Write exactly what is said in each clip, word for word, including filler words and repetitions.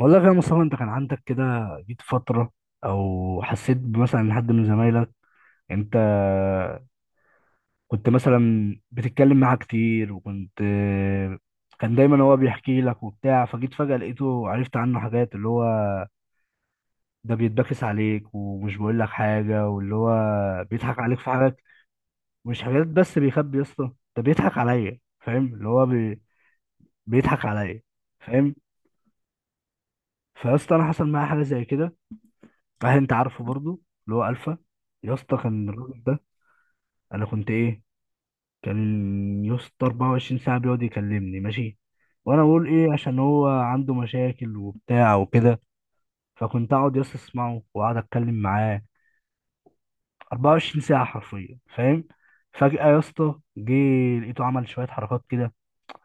والله يا مصطفى، انت كان عندك كده؟ جيت فترة او حسيت مثلا ان حد من زمايلك انت كنت مثلا بتتكلم معاه كتير وكنت كان دايما هو بيحكي لك وبتاع، فجيت فجأة لقيته عرفت عنه حاجات، اللي هو ده بيتبكس عليك ومش بيقول لك حاجة، واللي هو بيضحك عليك في حاجات. مش حاجات بس بيخبي يا اسطى، ده بيضحك عليا، فاهم؟ اللي هو بي... بيضحك عليا، فاهم؟ فيا اسطى، انا حصل معايا حاجة زي كده، هل انت عارفه برضو؟ اللي هو الفا، يا اسطى كان الراجل ده انا كنت ايه، كان يا اسطى اربعة وعشرين ساعه بيقعد يكلمني ماشي، وانا اقول ايه عشان هو عنده مشاكل وبتاع وكده. فكنت اقعد يا اسطى اسمعه واقعد اتكلم معاه اربعة وعشرين ساعه حرفيا، فاهم؟ فجاه يا اسطى جه لقيته عمل شويه حركات كده،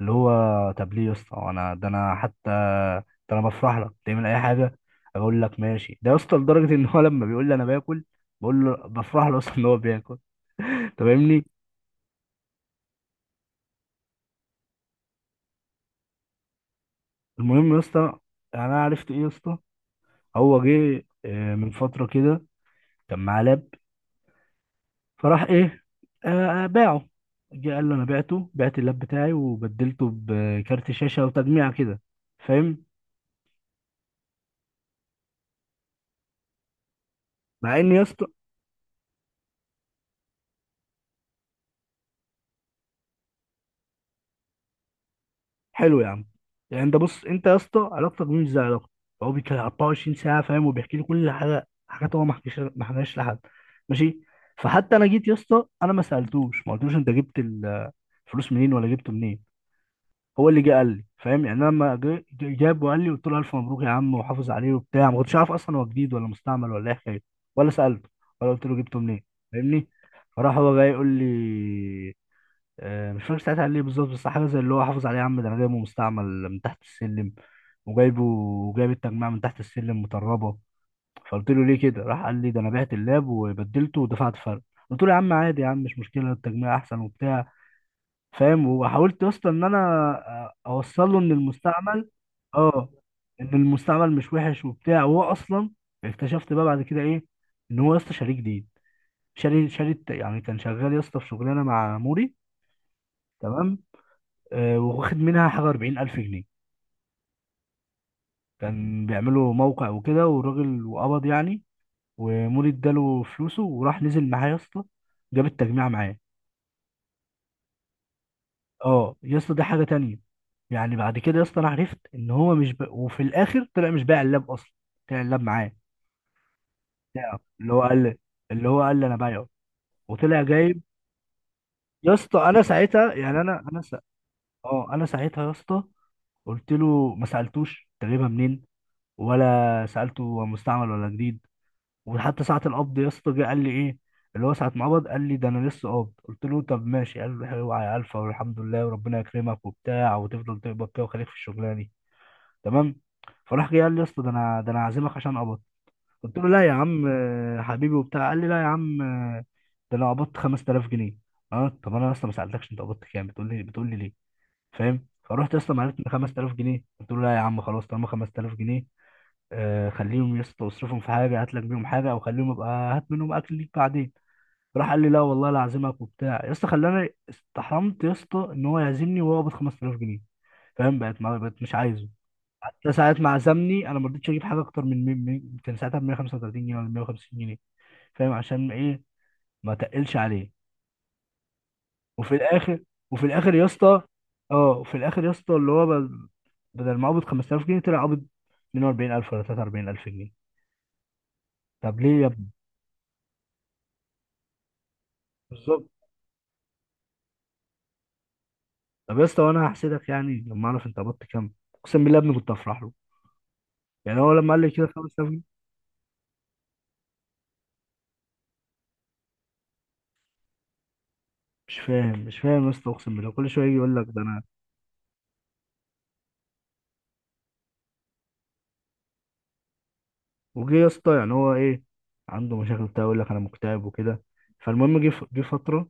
اللي هو، طب ليه يا اسطى؟ انا ده انا حتى، ده انا بفرح لك تعمل اي حاجه، اقول لك ماشي. ده يا اسطى لدرجه ان هو لما بيقول لي انا باكل، بقول له بفرح له اصلا ان هو بياكل، انت فاهمني؟ المهم يا اسطى، يعني انا عرفت ايه يا اسطى، هو جه آه، من فتره كده كان معاه لاب، فراح ايه؟ آه، آه، باعه. جه قال له انا بعته، بعت اللاب بتاعي وبدلته بكارت شاشه وتجميع كده، فاهم؟ مع ان يا اسطى، حلو يا عم. يعني انت بص، انت يا اسطى علاقتك بيه مش زي علاقتي، هو بيتكلم اربعة وعشرين ساعه فاهم، وبيحكي لي كل حاجه، حاجات هو ما حكيش ما حكاش لحد، ماشي. فحتى انا جيت يا اسطى انا ما سالتوش ما قلتلوش انت جبت ال- الفلوس منين ولا جبته منين، هو اللي جه قال لي، فاهم؟ يعني انا لما جه- جه- جاب وقال لي، قلت له الف مبروك يا عم وحافظ عليه وبتاع، ما كنتش عارف اصلا هو جديد ولا مستعمل ولا ايه حكايته، ولا سالته ولا قلت له جبته منين، فاهمني؟ فراح هو جاي يقول لي، آه، مش فاكر ساعتها قال لي إيه بالظبط، بس حاجه زي اللي هو حافظ عليه يا عم، ده انا جايبه مستعمل من تحت السلم، وجايبه وجايب التجميع من تحت السلم مطربه. فقلت له ليه كده؟ راح قال لي ده انا بعت اللاب وبدلته ودفعت فرق. قلت له يا عم عادي يا عم، مش مشكله، التجميع احسن وبتاع، فاهم؟ وحاولت يا اسطى ان انا آه، اوصل له ان المستعمل، اه ان المستعمل مش وحش وبتاع، وهو اصلا اكتشفت بقى بعد كده ايه، ان هو يا اسطى شاريه جديد، شاري شاري الت- يعني كان شغال يا اسطى في شغلانه مع موري، تمام؟ آه، واخد منها حاجة أربعين ألف جنيه، كان بيعملوا موقع وكده، والراجل وقبض يعني، ومولي اداله فلوسه وراح نزل معاه يا اسطى جاب التجميع معاه. اه يا اسطى دي حاجة تانية. يعني بعد كده يا اسطى انا عرفت ان هو مش ب... وفي الاخر طلع مش بايع اللاب اصلا، طلع اللاب معاه بتاعه اللي هو قال، اللي هو قال لي انا بايعه وطلع جايب. يا اسطى انا ساعتها يعني انا انا س... اه انا ساعتها يا اسطى قلت له ما سالتوش انت جايبها منين، ولا سالته هو مستعمل ولا جديد. وحتى ساعة القبض يا اسطى جه قال لي ايه، اللي هو ساعة ما قبض قال لي ده انا لسه قابض. قلت له طب ماشي. قال لي اوعى يا الفا، والحمد لله وربنا يكرمك وبتاع، وتفضل تقبض كده وخليك في الشغلانة دي، تمام؟ فراح جه قال لي يا اسطى ده انا ده انا عازمك عشان قبض. قلت له لا يا عم آه، حبيبي وبتاع. قال لي لا يا عم، آه، ده انا قبضت خمسة آلاف جنيه. اه طب انا اصلا ما سالتكش انت قبضت كام، بتقول لي بتقول لي ليه؟ فاهم؟ فرحت اصلا، عرفت ان خمسة آلاف جنيه، قلت له لا يا عم خلاص، طالما خمسة آلاف جنيه آه، خليهم يا اسطى، اصرفهم في حاجه، هات لك بيهم حاجه، او خليهم ابقى هات منهم اكل ليك بعدين. راح قال لي لا والله لا اعزمك وبتاع يا اسطى، خلاني استحرمت يا اسطى ان هو يعزمني وهو قابض خمس تلاف جنيه، فاهم؟ بقت ما بقت مش عايزه. حتى ساعة ما عزمني انا ما رضيتش اجيب حاجه اكتر من من- من- كان ساعتها ب مية وخمسة وتلاتين جنيه ولا مية وخمسين جنيه، فاهم عشان ايه؟ ما تقلش عليه. وفي الاخر، وفي الاخر يا اسطى، اه وفي الاخر يا اسطى اللي هو ب- بدل ما قابض خمسة آلاف جنيه، طلع قابض اتنين واربعين الف ولا تلاتة واربعين الف جنيه. طب ليه يا ابني؟ بالظبط. طب يا اسطى وانا هحسدك يعني لما اعرف انت قبضت كام، اقسم بالله يا ابني كنت افرح له. يعني هو لما قال لي كده خمسة آلاف، مش فاهم مش فاهم يا اسطى، اقسم بالله، كل شويه يجي يقول لك ده انا. وجه يا اسطى يعني هو ايه، عنده مشاكل بتاع يقول لك انا مكتئب وكده. فالمهم جه ف- جه فتره،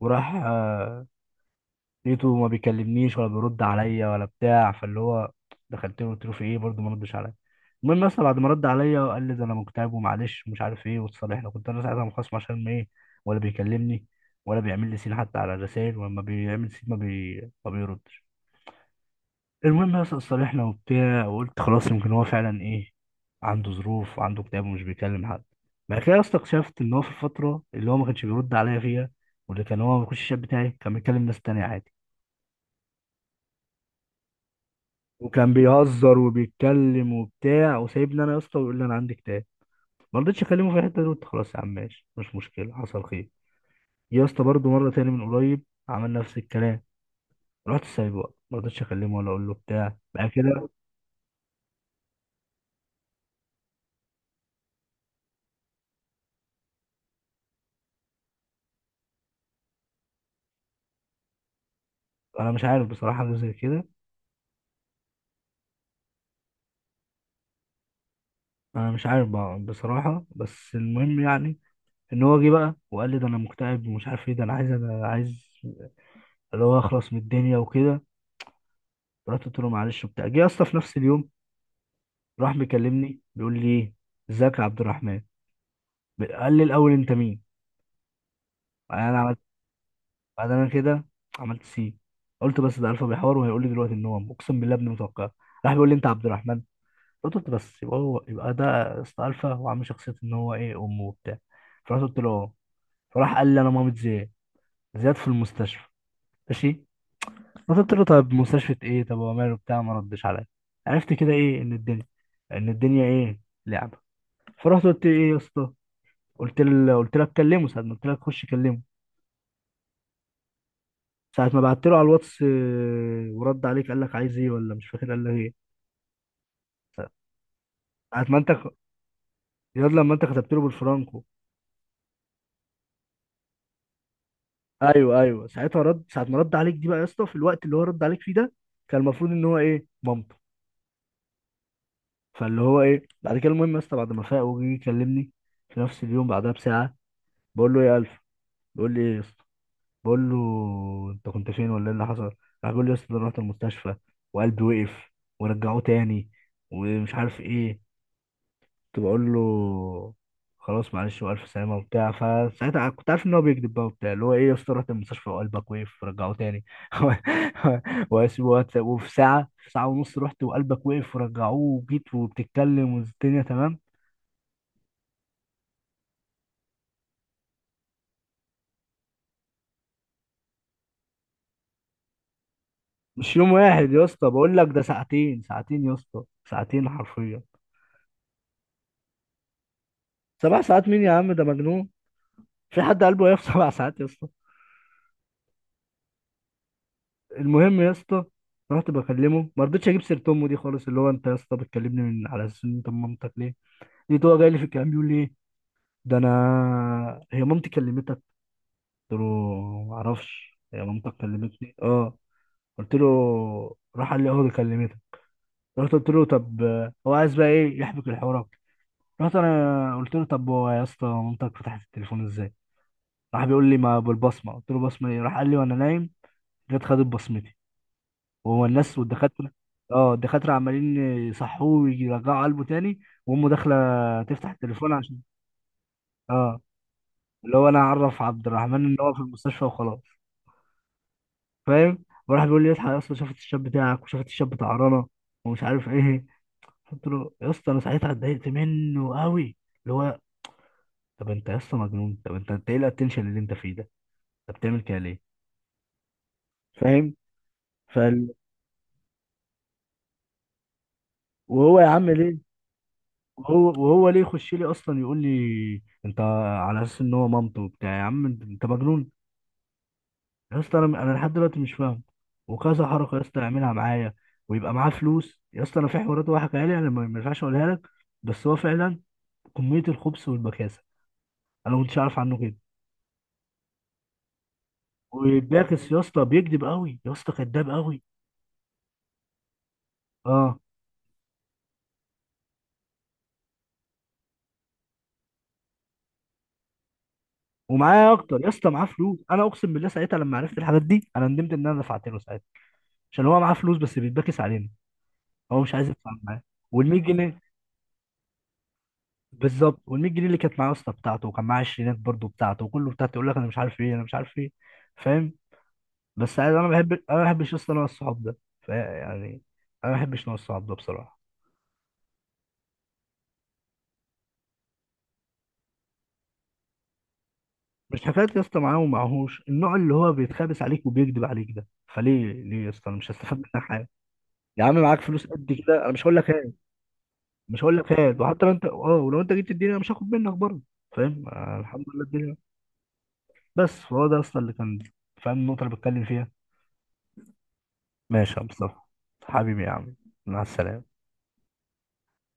وراح آه، لقيته ما بيكلمنيش ولا بيرد عليا ولا بتاع، فاللي هو دخلت له قلت له في ايه برضه، ما ردش عليا. المهم اصلا بعد ما رد عليا وقال لي ده انا مكتئب ومعلش ومش عارف ايه واتصالحنا، كنت انا ساعتها مخصم عشان ما ايه، ولا بيكلمني ولا بيعمل لي سين حتى على الرسائل، ولما بيعمل سين ما, بي... ما بيردش. المهم اصلا اتصالحنا وبتاع، وقلت خلاص يمكن هو فعلا ايه، عنده ظروف وعنده اكتئاب ومش بيكلم حد. بعد كده اصلا اكتشفت ان هو في الفتره اللي هو ما كانش بيرد عليا فيها، واللي كان هو ما بيخش الشات بتاعي، كان بيكلم ناس تانية عادي، وكان بيهزر وبيتكلم وبتاع وسايبني انا يا اسطى، ويقول لي انا عندي كتاب. ما رضيتش اكلمه في الحته دي، قلت خلاص يا عم ماشي مش مشكله، حصل خير. يا اسطى برضه مره تاني من قريب عمل نفس الكلام، رحت سايبه بقى، ما رضيتش اكلمه ولا اقول له بتاع بقى كده. انا مش عارف بصراحه حاجه زي كده. انا مش عارف بقى بصراحه، بس المهم يعني ان هو جه بقى وقال لي ده انا مكتئب ومش عارف ايه، ده انا عايز، انا عايز اللي هو اخلص من الدنيا وكده. رحت قلت له معلش وبتاع. جه يا اسطى في نفس اليوم راح مكلمني بيقول لي ايه، ازيك يا عبد الرحمن؟ قال لي الاول انت مين؟ بعدين انا عملت، بعدين انا كده عملت سي. قلت بس ده الفا بيحور وهيقول لي دلوقتي ان هو اقسم بالله ابن متوقع. راح بيقول لي انت عبد الرحمن. قلت له بس يبقى هو، يبقى ده اسطى الفا وعامل شخصيه ان هو ايه امه وبتاع. فرحت قلت له اه. فراح قال لي انا مامة زياد، زياد في المستشفى. ماشي. فقلت له طب مستشفى ايه، طب هو ماله بتاع، ما ردش عليا. عرفت كده ايه ان الدنيا، ان الدنيا ايه، لعبه. فرحت قلت له ايه يا اسطى، قلت له قلت له اتكلمه ساعه ما قلت لك خش كلمه. ساعة ما بعت له على الواتس آه، ورد عليك قال لك عايز ايه ولا مش فاكر قال لك ايه؟ ساعة ما انت ياد لما انت كتبت له بالفرانكو. ايوه ايوه ساعتها رد، ساعة ما رد عليك دي بقى يا اسطى، في الوقت اللي هو رد عليك فيه ده، كان المفروض ان هو ايه مامته. فاللي هو ايه بعد كده المهم يا اسطى بعد ما فاق وجي يكلمني في نفس اليوم بعدها بساعة، بقول له يا الف، بيقول لي ايه يا اسطى، بقول له انت كنت فين ولا ايه اللي حصل؟ راح بيقول لي يا اسطى ده أنا رحت المستشفى وقلبي وقف ورجعوه تاني، ومش عارف ايه. كنت بقول له خلاص معلش والف سلامه وبتاع. فساعتها كنت عارف ان هو بيكذب بقى وبتاع، اللي هو ايه يا اسطى رحت المستشفى وقلبك وقف رجعوه تاني وأس- وأت- وفي ساعه في ساعه ونص رحت وقلبك وقف ورجعوه وجيت وبتتكلم والدنيا تمام. مش يوم واحد يا اسطى، بقول لك ده ساعتين ساعتين يا اسطى، ساعتين حرفيا. سبع ساعات مين يا عم، ده مجنون. في حد قلبه وقف سبع ساعات يا اسطى؟ المهم يا اسطى رحت بكلمه، ما رضيتش اجيب سيره امه دي خالص، اللي هو، انت يا اسطى بتكلمني من على اساس ان انت من مامتك ليه؟ لقيت هو جاي لي في الكلام بيقول لي ايه، ده انا هي مامتي كلمتك. قلت له ما اعرفش هي مامتك كلمتني اه، قلت له. راح قال لي اه دي كلمتك. رحت قلت له طب آه، هو عايز بقى ايه يحبك الحوار أكتر. رحت انا قلت له طب هو يا اسطى مامتك فتحت التليفون ازاي؟ راح بيقول لي ما بالبصمه. قلت له بصمه ايه؟ راح قال لي وانا نايم جت خدت بصمتي. وهو الناس والدكاتره، اه الدكاتره عمالين يصحوه ويرجعوا قلبه تاني، وامه داخله تفتح التليفون، عشان اه اللي هو انا اعرف عبد الرحمن ان هو في المستشفى وخلاص، فاهم؟ وراح بيقول لي اصحى يا اسطى، شافت الشاب بتاعك وشافت الشاب بتاع رنا، ومش عارف ايه. قلت له يا اسطى انا ساعتها اتضايقت منه قوي، اللي هو، طب انت يا اسطى مجنون، طب انت انت ايه الاتنشن اللي انت فيه ده، انت بتعمل كده ليه؟ فاهم؟ فال... وهو يا عم ليه، وهو وهو ليه يخش لي اصلا يقول لي انت، على اساس ان هو مامته وبتاع، يا عم انت أنت مجنون. يا اسطى انا انا لحد دلوقتي مش فاهم، وكذا حركه يا اسطى يعملها معايا ويبقى معاه فلوس، يا اسطى انا في حوارات هو حكاها لي انا ما ما ينفعش اقولها لك، بس هو فعلا كميه الخبث والبكاسه انا ما كنتش عارف عنه كده. وباكس يا اسطى، بيكذب قوي يا اسطى، كذاب قوي. اه، ومعايا اكتر يا اسطى، معاه فلوس، انا اقسم بالله ساعتها لما عرفت الحاجات دي انا ندمت ان انا دفعت له ساعتها، عشان هو معاه فلوس بس بيتباكس علينا، هو مش عايز يدفع معاه. وال مية جنيه بالظبط، وال مائة جنيه اللي كانت معايا اصلا بتاعته، وكان معايا عشرينات برضه بتاعته، وكله بتاعته، يقول لك انا مش عارف ايه انا مش عارف ايه، فاهم؟ بس عايز انا بحب انا ما بحبش اصلا انا الصحاب ده ف- يعني انا ما بحبش نوع الصحاب ده بصراحه. مش حكايه يا اسطى معاه ومعهوش، النوع اللي هو بيتخابس عليك وبيكذب عليك ده، فليه ليه يا اسطى؟ انا مش هستفاد منك حاجه، يا عم معاك فلوس قد كده انا مش هقول لك هات، مش هقول لك هات، وحتى لو انت اه ولو انت جيت تديني انا مش هاخد منك برضه، فاهم؟ آه الحمد لله الدنيا. بس فهو ده اصلا اللي كان، فاهم النقطه اللي بتكلم فيها؟ ماشي يا مصطفى، حبيبي يا عم، مع السلامة.